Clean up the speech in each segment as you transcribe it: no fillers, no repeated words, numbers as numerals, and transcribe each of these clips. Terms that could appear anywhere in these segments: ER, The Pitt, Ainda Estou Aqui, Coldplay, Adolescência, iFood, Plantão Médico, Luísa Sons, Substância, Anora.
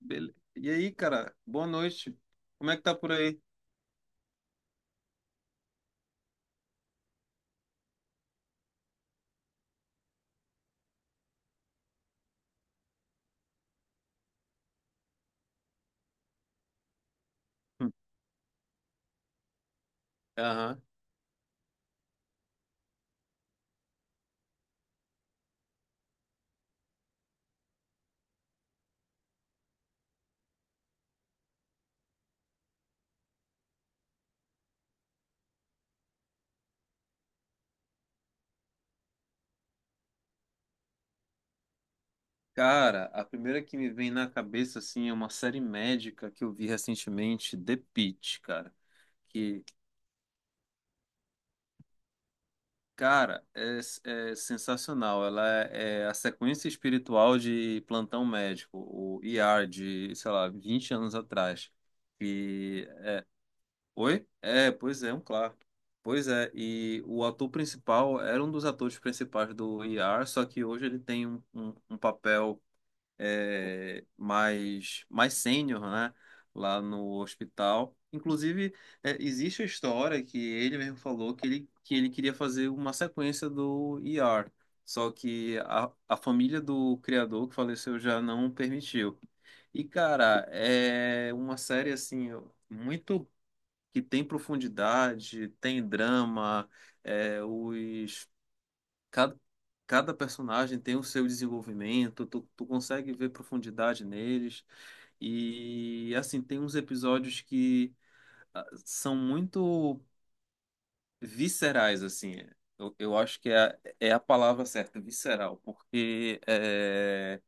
E aí, cara, boa noite. Como é que tá por aí? Hum. Aham. Cara, a primeira que me vem na cabeça, assim, é uma série médica que eu vi recentemente, The Pitt, cara. Que, cara, é sensacional. É a sequência espiritual de Plantão Médico, o ER de, sei lá, 20 anos atrás. E oi? É, pois é, um claro. Pois é, e o ator principal era um dos atores principais do ER, só que hoje ele tem um papel mais, mais sênior, né? Lá no hospital. Inclusive, existe a história que ele mesmo falou que que ele queria fazer uma sequência do ER, só que a família do criador que faleceu já não permitiu. E, cara, é uma série assim muito que tem profundidade, tem drama, é, os cada, cada personagem tem o seu desenvolvimento, tu consegue ver profundidade neles. E assim, tem uns episódios que ah, são muito viscerais, assim. Eu acho que é a palavra certa, visceral, porque é,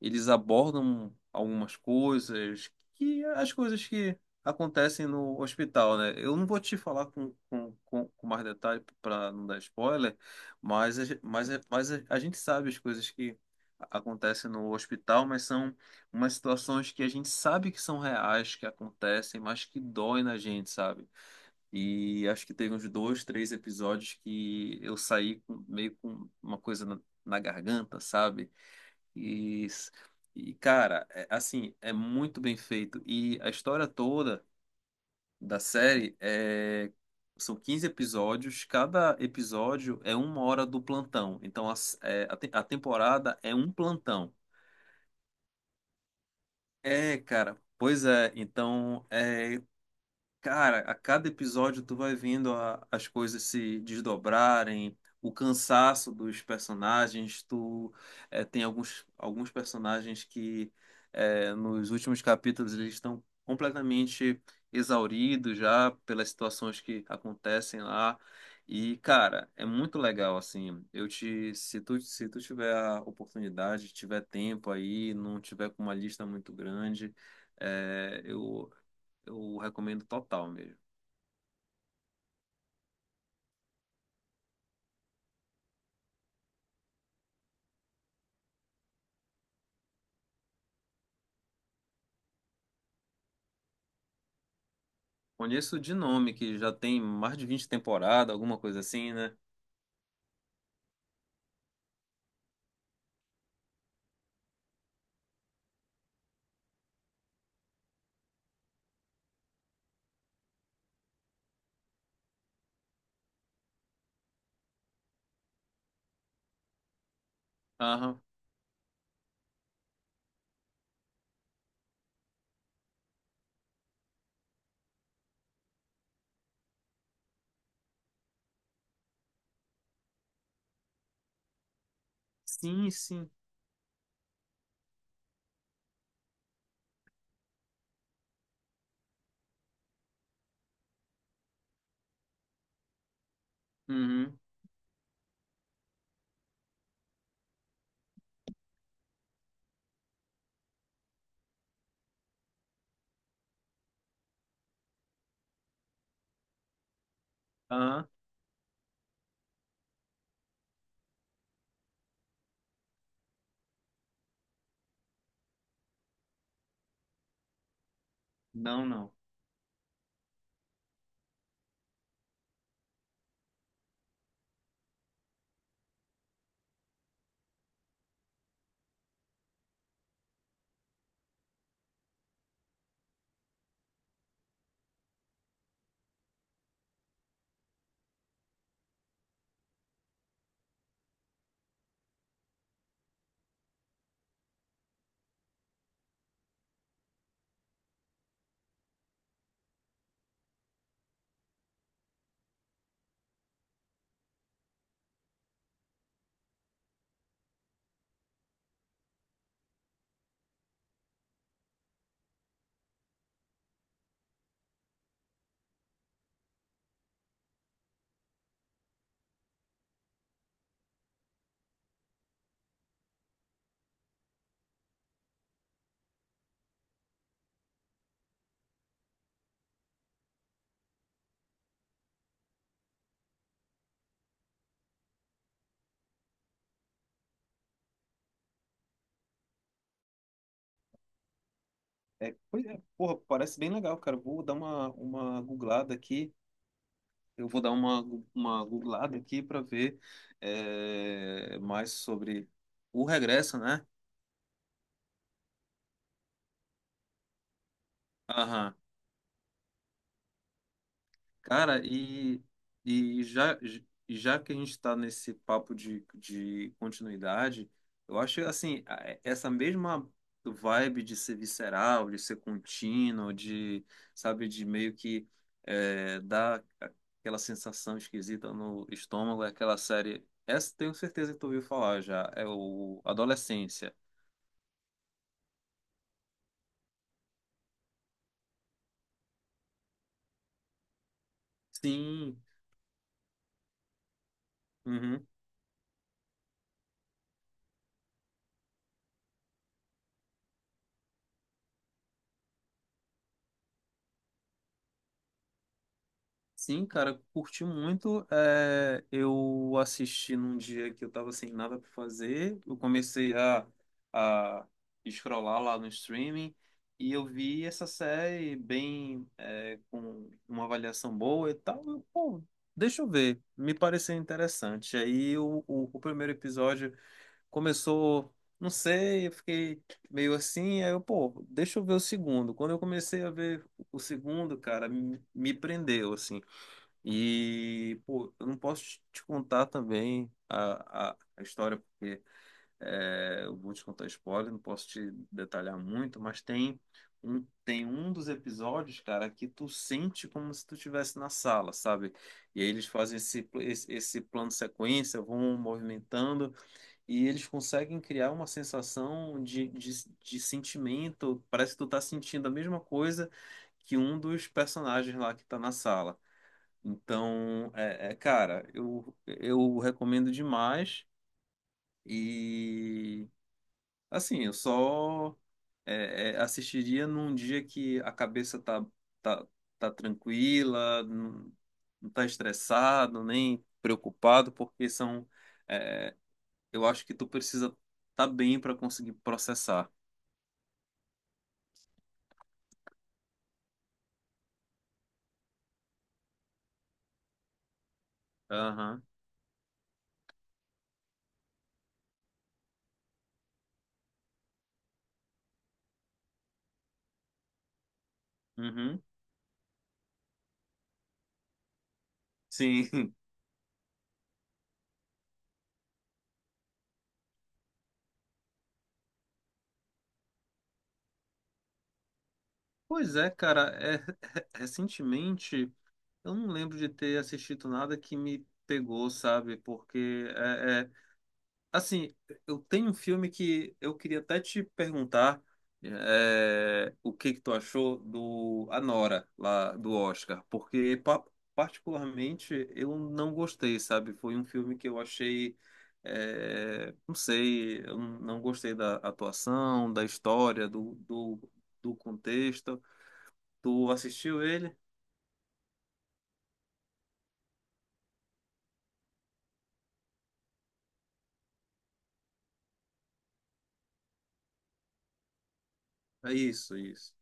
eles abordam algumas coisas que as coisas que acontecem no hospital, né? Eu não vou te falar com mais detalhe para não dar spoiler, mas, a ge- mas a gente sabe as coisas que acontecem no hospital, mas são umas situações que a gente sabe que são reais, que acontecem, mas que dói na gente, sabe? E acho que teve uns dois, três episódios que eu meio com uma coisa na garganta, sabe? E, e cara, assim, é muito bem feito. E a história toda da série é. São 15 episódios, cada episódio é 1 hora do plantão. Então a temporada é um plantão. É, cara, pois é. Então, é. Cara, a cada episódio tu vai vendo as coisas se desdobrarem, o cansaço dos personagens. Tu eh, tem alguns personagens que eh, nos últimos capítulos eles estão completamente exauridos já pelas situações que acontecem lá. E, cara, é muito legal, assim. Eu te, se tu, se tu tiver a oportunidade, tiver tempo aí, não tiver com uma lista muito grande. É, eu recomendo total mesmo. Conheço de nome, que já tem mais de 20 temporadas, alguma coisa assim, né? Aham. Sim, sim. Uhum. Aham. Não, não. É, pois é. Porra, parece bem legal, cara. Vou dar uma googlada aqui. Eu vou dar uma googlada aqui para ver é, mais sobre o regresso, né? Aham. Cara, e já, e já que a gente está nesse papo de continuidade, eu acho assim, é, essa mesma vibe de ser visceral, de ser contínuo, de, sabe, de meio que é, dar aquela sensação esquisita no estômago, é aquela série. Essa tenho certeza que tu ouviu falar já, é o Adolescência. Sim. Uhum. Sim, cara, curti muito. É, eu assisti num dia que eu tava sem nada pra fazer. Eu comecei a scrollar lá no streaming e eu vi essa série bem, é, com uma avaliação boa e tal. Eu, pô, deixa eu ver, me pareceu interessante. Aí o primeiro episódio começou, não sei, eu fiquei meio assim. Aí eu, pô, deixa eu ver o segundo. Quando eu comecei a ver o segundo, cara, me prendeu, assim. E, pô, eu não posso te contar também a história, porque é, eu vou te contar spoiler, não posso te detalhar muito, mas tem tem um dos episódios, cara, que tu sente como se tu estivesse na sala, sabe? E aí eles fazem esse plano sequência, vão movimentando, e eles conseguem criar uma sensação de sentimento, parece que tu tá sentindo a mesma coisa que um dos personagens lá que tá na sala. Então, é, cara, eu recomendo demais. E, assim, eu só é, assistiria num dia que a cabeça tá, tá tranquila, não, não tá estressado, nem preocupado, porque são. É, eu acho que tu precisa tá bem para conseguir processar. Aham. Uhum. Sim. Pois é, cara, é, recentemente. Eu não lembro de ter assistido nada que me pegou, sabe? Porque assim, eu tenho um filme que eu queria até te perguntar é, o que que tu achou do Anora lá do Oscar, particularmente eu não gostei, sabe? Foi um filme que eu achei é, não sei, eu não gostei da atuação, da história, do contexto. Tu assistiu ele? É isso, isso.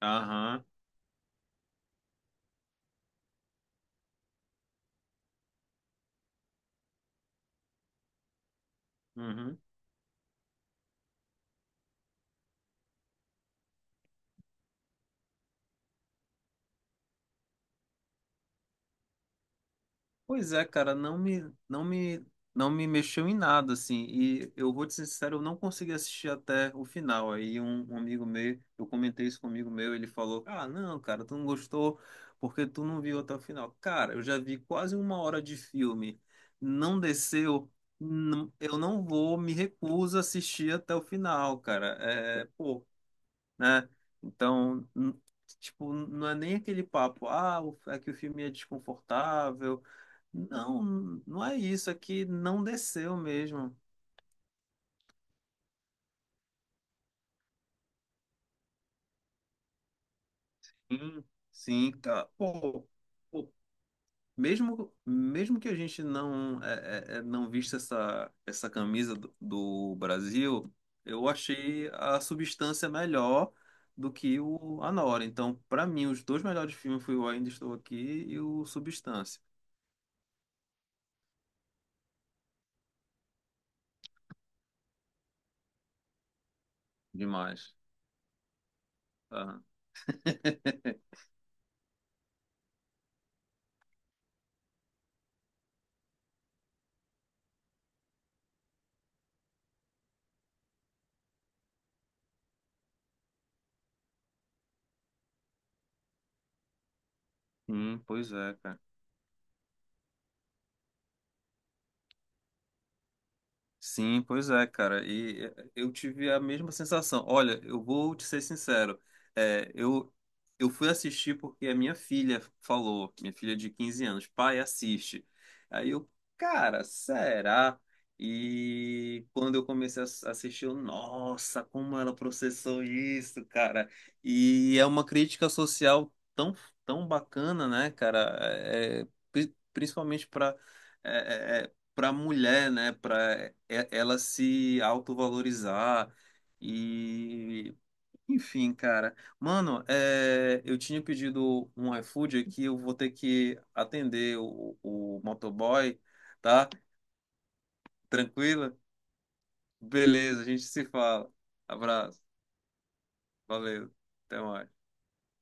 Aham. Uhum. Pois é, cara, não me mexeu em nada, assim. E eu vou te ser sincero, eu não consegui assistir até o final. Aí um amigo meu, eu comentei isso com um amigo meu, ele falou: Ah, não, cara, tu não gostou porque tu não viu até o final. Cara, eu já vi quase 1 hora de filme, não desceu, eu não vou, me recuso a assistir até o final, cara. É, pô, né? Então, n- tipo, não é nem aquele papo, ah, é que o filme é desconfortável. Não, não é isso, é que não desceu mesmo. Sim, sim, cara. Pô, mesmo, mesmo que a gente não vista essa camisa do Brasil, eu achei a substância melhor do que o Anora. Então, pra mim, os dois melhores filmes foi o Ainda Estou Aqui e o Substância. Demais. Tá? Sim, pois é, cara. Sim, pois é, cara. E eh, eu tive a mesma sensação. Olha, eu vou te ser sincero. É, eu fui assistir porque a minha filha falou, minha filha de 15 anos, pai, assiste. Aí eu, cara, será? E quando eu comecei a assistir, eu, nossa, como ela processou isso, cara. E é uma crítica social tão, tão bacana, né, cara? Principalmente para a mulher, né, para ela se autovalorizar e enfim, cara. Mano, é, eu tinha pedido um iFood aqui, eu vou ter que atender o motoboy, tá? Tranquilo? Beleza, a gente se fala. Abraço, valeu, até mais.